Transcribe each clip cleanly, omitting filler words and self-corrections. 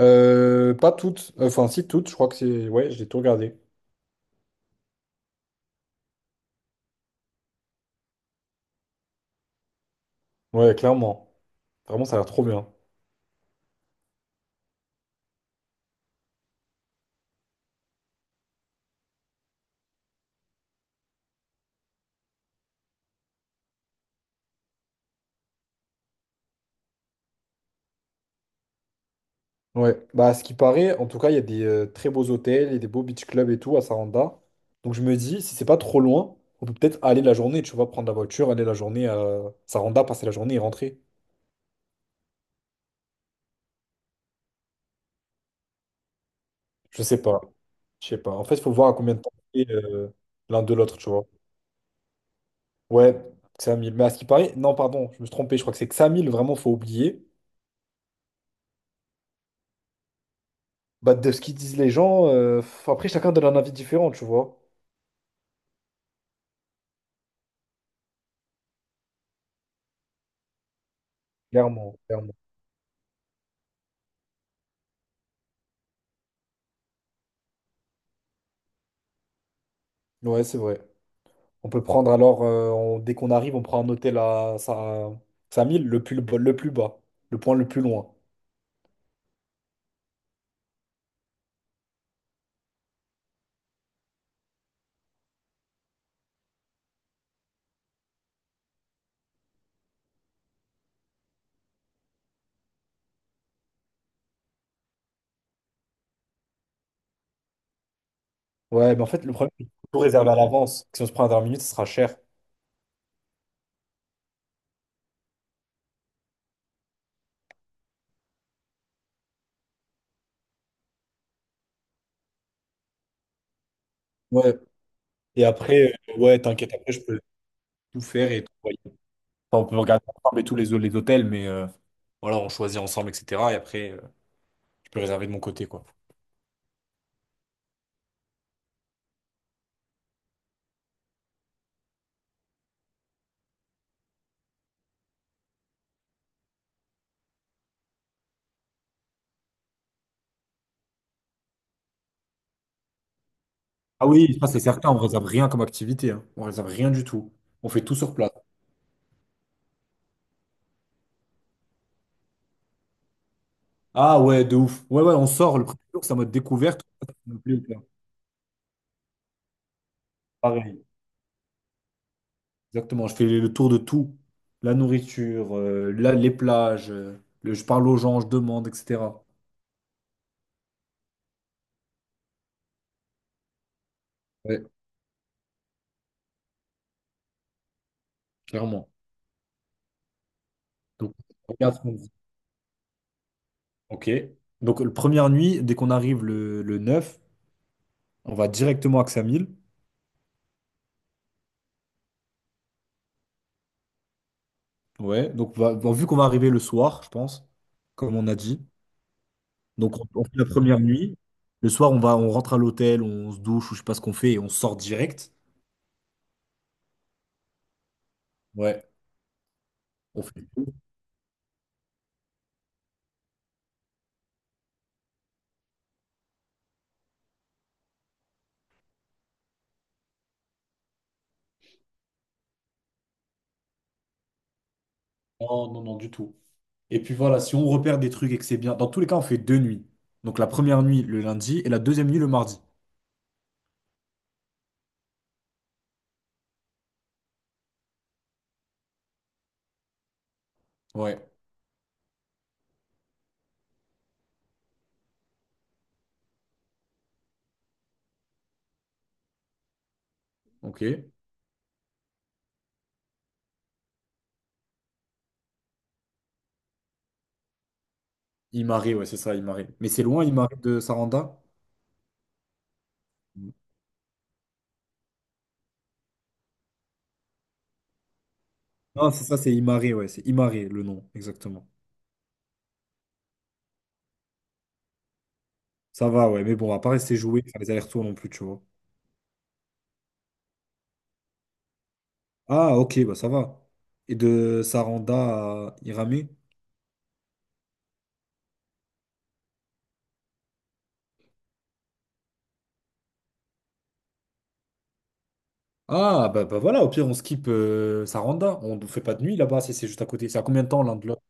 Pas toutes. Enfin, si toutes, je crois que c'est. Ouais, j'ai tout regardé. Ouais, clairement. Vraiment, ça a l'air trop bien. Ouais. Bah, à ce qui paraît, en tout cas, il y a des très beaux hôtels, il y a des beaux beach clubs et tout à Saranda. Donc, je me dis, si c'est pas trop loin, on peut peut-être aller la journée, tu vois, prendre la voiture, aller la journée à Saranda, passer la journée et rentrer. Je sais pas. Je sais pas. En fait, il faut voir à combien de temps c'est l'un de l'autre, tu vois. Ouais, 5000. Mais à ce qui paraît, non, pardon, je me suis trompé. Je crois que c'est que 5000, vraiment, faut oublier. Bah, de ce qu'ils disent les gens, après chacun donne un avis différent, tu vois. Clairement, clairement. Ouais, c'est vrai. On peut prendre alors, dès qu'on arrive, on prend un hôtel à, 5000, le plus, le plus bas, le point le plus loin. Ouais, mais en fait, le problème, c'est qu'il faut tout réserver à l'avance. Si on se prend à dernière minute, ce sera cher. Ouais. Et après, ouais, t'inquiète, après, je peux tout faire et tout. Voyer. Enfin, on peut regarder ensemble et tous les hôtels, mais voilà, on choisit ensemble, etc. Et après, je peux réserver de mon côté, quoi. Ah oui, ça c'est certain, on réserve rien comme activité, hein. On réserve rien du tout. On fait tout sur place. Ah ouais, de ouf. Ouais, ouais, on sort le premier jour, c'est en mode découverte. Ça me plaît ou pas. Pareil, exactement. Je fais le tour de tout. La nourriture, les plages, je parle aux gens, je demande, etc. Ouais, clairement. Donc, on regarde ce qu'on dit. Ok. Donc, la première nuit, dès qu'on arrive le 9, on va directement à Xamil. Ouais. Donc, bon, vu qu'on va arriver le soir, je pense, comme on a dit. Donc, on fait la première nuit. Le soir, on rentre à l'hôtel, on se douche ou je sais pas ce qu'on fait et on sort direct. Ouais. On fait tout. Non, non, non, du tout. Et puis voilà, si on repère des trucs et que c'est bien, dans tous les cas, on fait deux nuits. Donc, la première nuit le lundi et la deuxième nuit le mardi. Ouais. Ok. Imare, ouais, c'est ça, Imare. Mais c'est loin, Imare de Saranda? Non, c'est ça, c'est Imare, ouais, c'est Imare le nom, exactement. Ça va, ouais, mais bon, on va pas rester jouer, faire les allers-retours non plus, tu vois. Ah, ok, bah ça va. Et de Saranda à Iramé? Ah, bah, bah voilà, au pire, on skip Saranda. On ne fait pas de nuit là-bas si c'est juste à côté. C'est à combien de temps l'un de l'autre?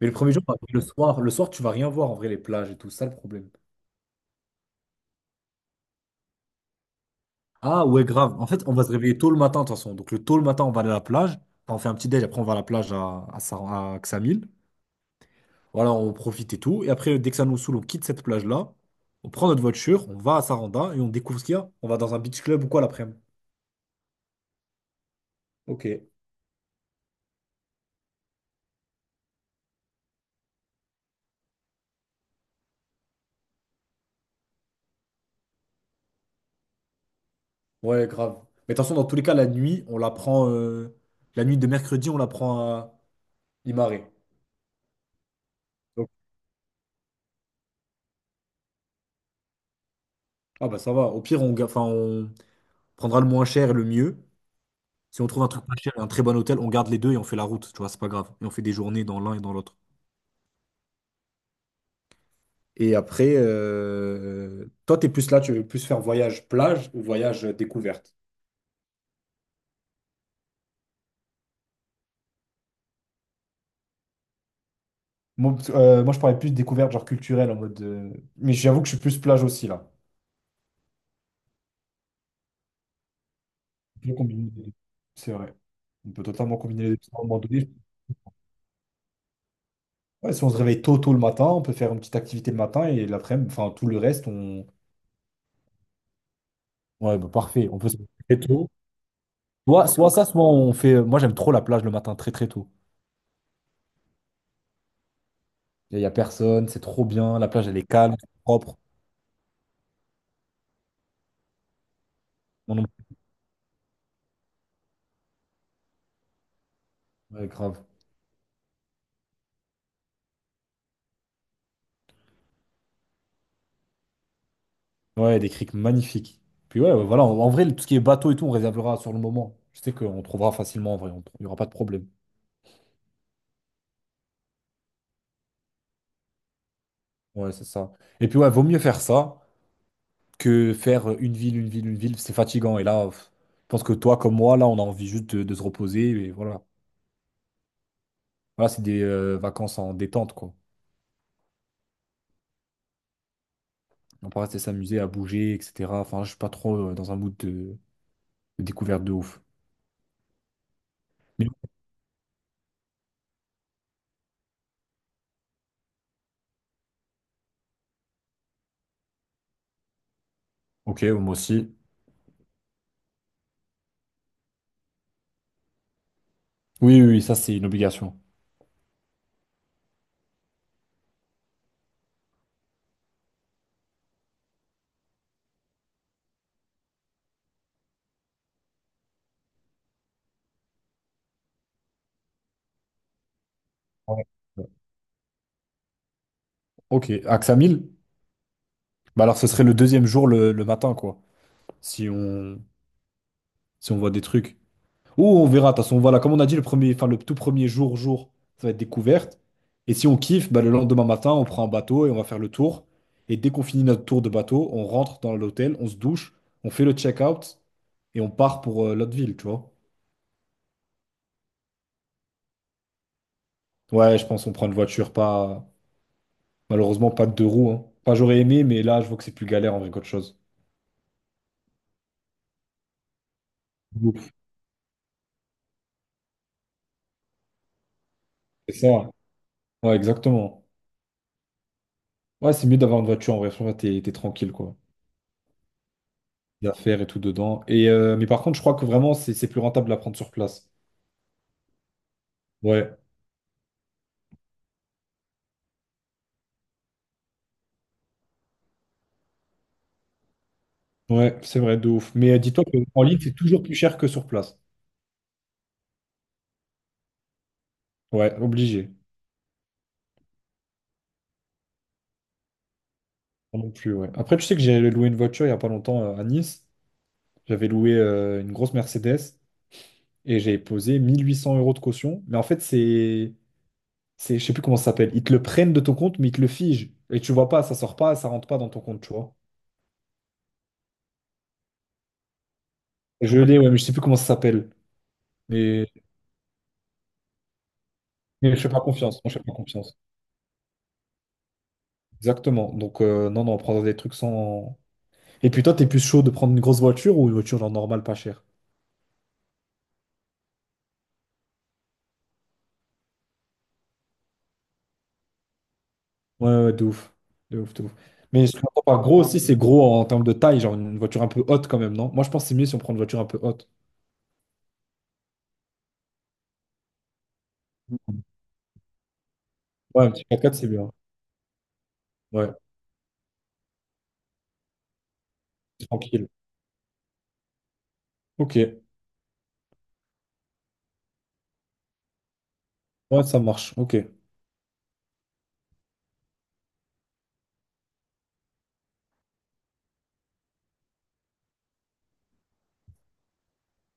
Mais le premier jour, le soir, tu vas rien voir en vrai, les plages et tout ça, le problème. Ah, ouais, grave. En fait, on va se réveiller tôt le matin, de toute façon. Donc, le tôt le matin, on va aller à la plage. Enfin, on fait un petit déj. Après, on va à la plage à Ksamil. Voilà, on profite et tout. Et après, dès que ça nous saoule, on quitte cette plage-là. On prend notre voiture, on va à Saranda et on découvre ce qu'il y a. On va dans un beach club ou quoi l'après-midi. Ok. Ouais, grave. Mais attention, dans tous les cas, la nuit, on la prend. La nuit de mercredi, on la prend à Imare. Donc, ah bah ça va. Au pire, enfin, on prendra le moins cher et le mieux. Si on trouve un truc pas cher et un très bon hôtel, on garde les deux et on fait la route. Tu vois, c'est pas grave. Et on fait des journées dans l'un et dans l'autre. Et après, toi, t'es plus là, tu veux plus faire voyage plage ou voyage découverte? Moi, je parlais plus de découverte, genre culturelle, en mode. Mais j'avoue que je suis plus plage aussi, là. On peut combiner les deux. C'est vrai. On peut totalement combiner les deux. À un moment donné. Ouais, si on se réveille tôt, tôt le matin, on peut faire une petite activité le matin et l'après-midi, enfin tout le reste, on. Ouais, bah, parfait. On peut se lever tôt. Soit ça, soit on fait. Moi, j'aime trop la plage le matin, très très tôt. Il n'y a personne, c'est trop bien. La plage, elle est calme, propre. Non, non, ouais, grave. Ouais, des criques magnifiques. Puis ouais, ouais, voilà. En vrai, tout ce qui est bateau et tout, on réservera sur le moment. Je sais qu'on trouvera facilement en vrai. Il n'y aura pas de problème. Ouais, c'est ça. Et puis ouais, vaut mieux faire ça, que faire une ville, une ville, une ville, c'est fatigant. Et là, pff, je pense que toi, comme moi, là, on a envie juste de se reposer. Et voilà. Voilà, c'est des vacances en détente, quoi. On peut rester s'amuser à bouger, etc. Enfin, je suis pas trop dans un mood de découverte de ouf. Bon, ok, moi aussi. Oui, oui, oui, ça, c'est une obligation. Ouais. Ok, Axamil? Bah alors, ce serait le deuxième jour le matin, quoi. Si on, si on voit des trucs. Ou on verra, de toute façon, voilà, comme on a dit, le premier, enfin, le tout premier jour, ça va être découverte. Et si on kiffe, bah, le lendemain matin, on prend un bateau et on va faire le tour. Et dès qu'on finit notre tour de bateau, on rentre dans l'hôtel, on se douche, on fait le check-out et on part pour l'autre ville, tu vois. Ouais, je pense qu'on prend une voiture, pas malheureusement pas de deux roues, hein. Enfin, j'aurais aimé, mais là, je vois que c'est plus galère en vrai qu'autre chose. Ouf. C'est ça. Ouais, exactement. Ouais, c'est mieux d'avoir une voiture en vrai. Franchement, t'es tranquille, quoi. Les affaires et tout dedans. Mais par contre, je crois que vraiment, c'est plus rentable de la prendre sur place. Ouais, ouais, c'est vrai, de ouf. Mais dis-toi que en ligne, c'est toujours plus cher que sur place. Ouais, obligé. Moi non plus, ouais. Après, tu sais que j'ai loué une voiture il n'y a pas longtemps à Nice. J'avais loué une grosse Mercedes et j'ai posé 1 800 euros de caution. Mais en fait, c'est. Je sais plus comment ça s'appelle. Ils te le prennent de ton compte, mais ils te le figent. Et tu vois pas, ça sort pas, ça rentre pas dans ton compte, tu vois. Je l'ai, ouais, mais je sais plus comment ça s'appelle. Mais, mais je fais pas confiance. Moi, je fais pas confiance. Exactement. Donc, non, non, prendre des trucs sans. Et puis toi, t'es plus chaud de prendre une grosse voiture ou une voiture genre normale pas chère? Ouais, ouais, de ouf. De ouf, de ouf. Mais je trouve pas gros aussi, c'est gros en termes de taille, genre une voiture un peu haute quand même, non? Moi, je pense que c'est mieux si on prend une voiture un peu haute. Ouais, un petit quatre x c'est bien. Ouais, tranquille. Ok. Ouais, ça marche. Ok.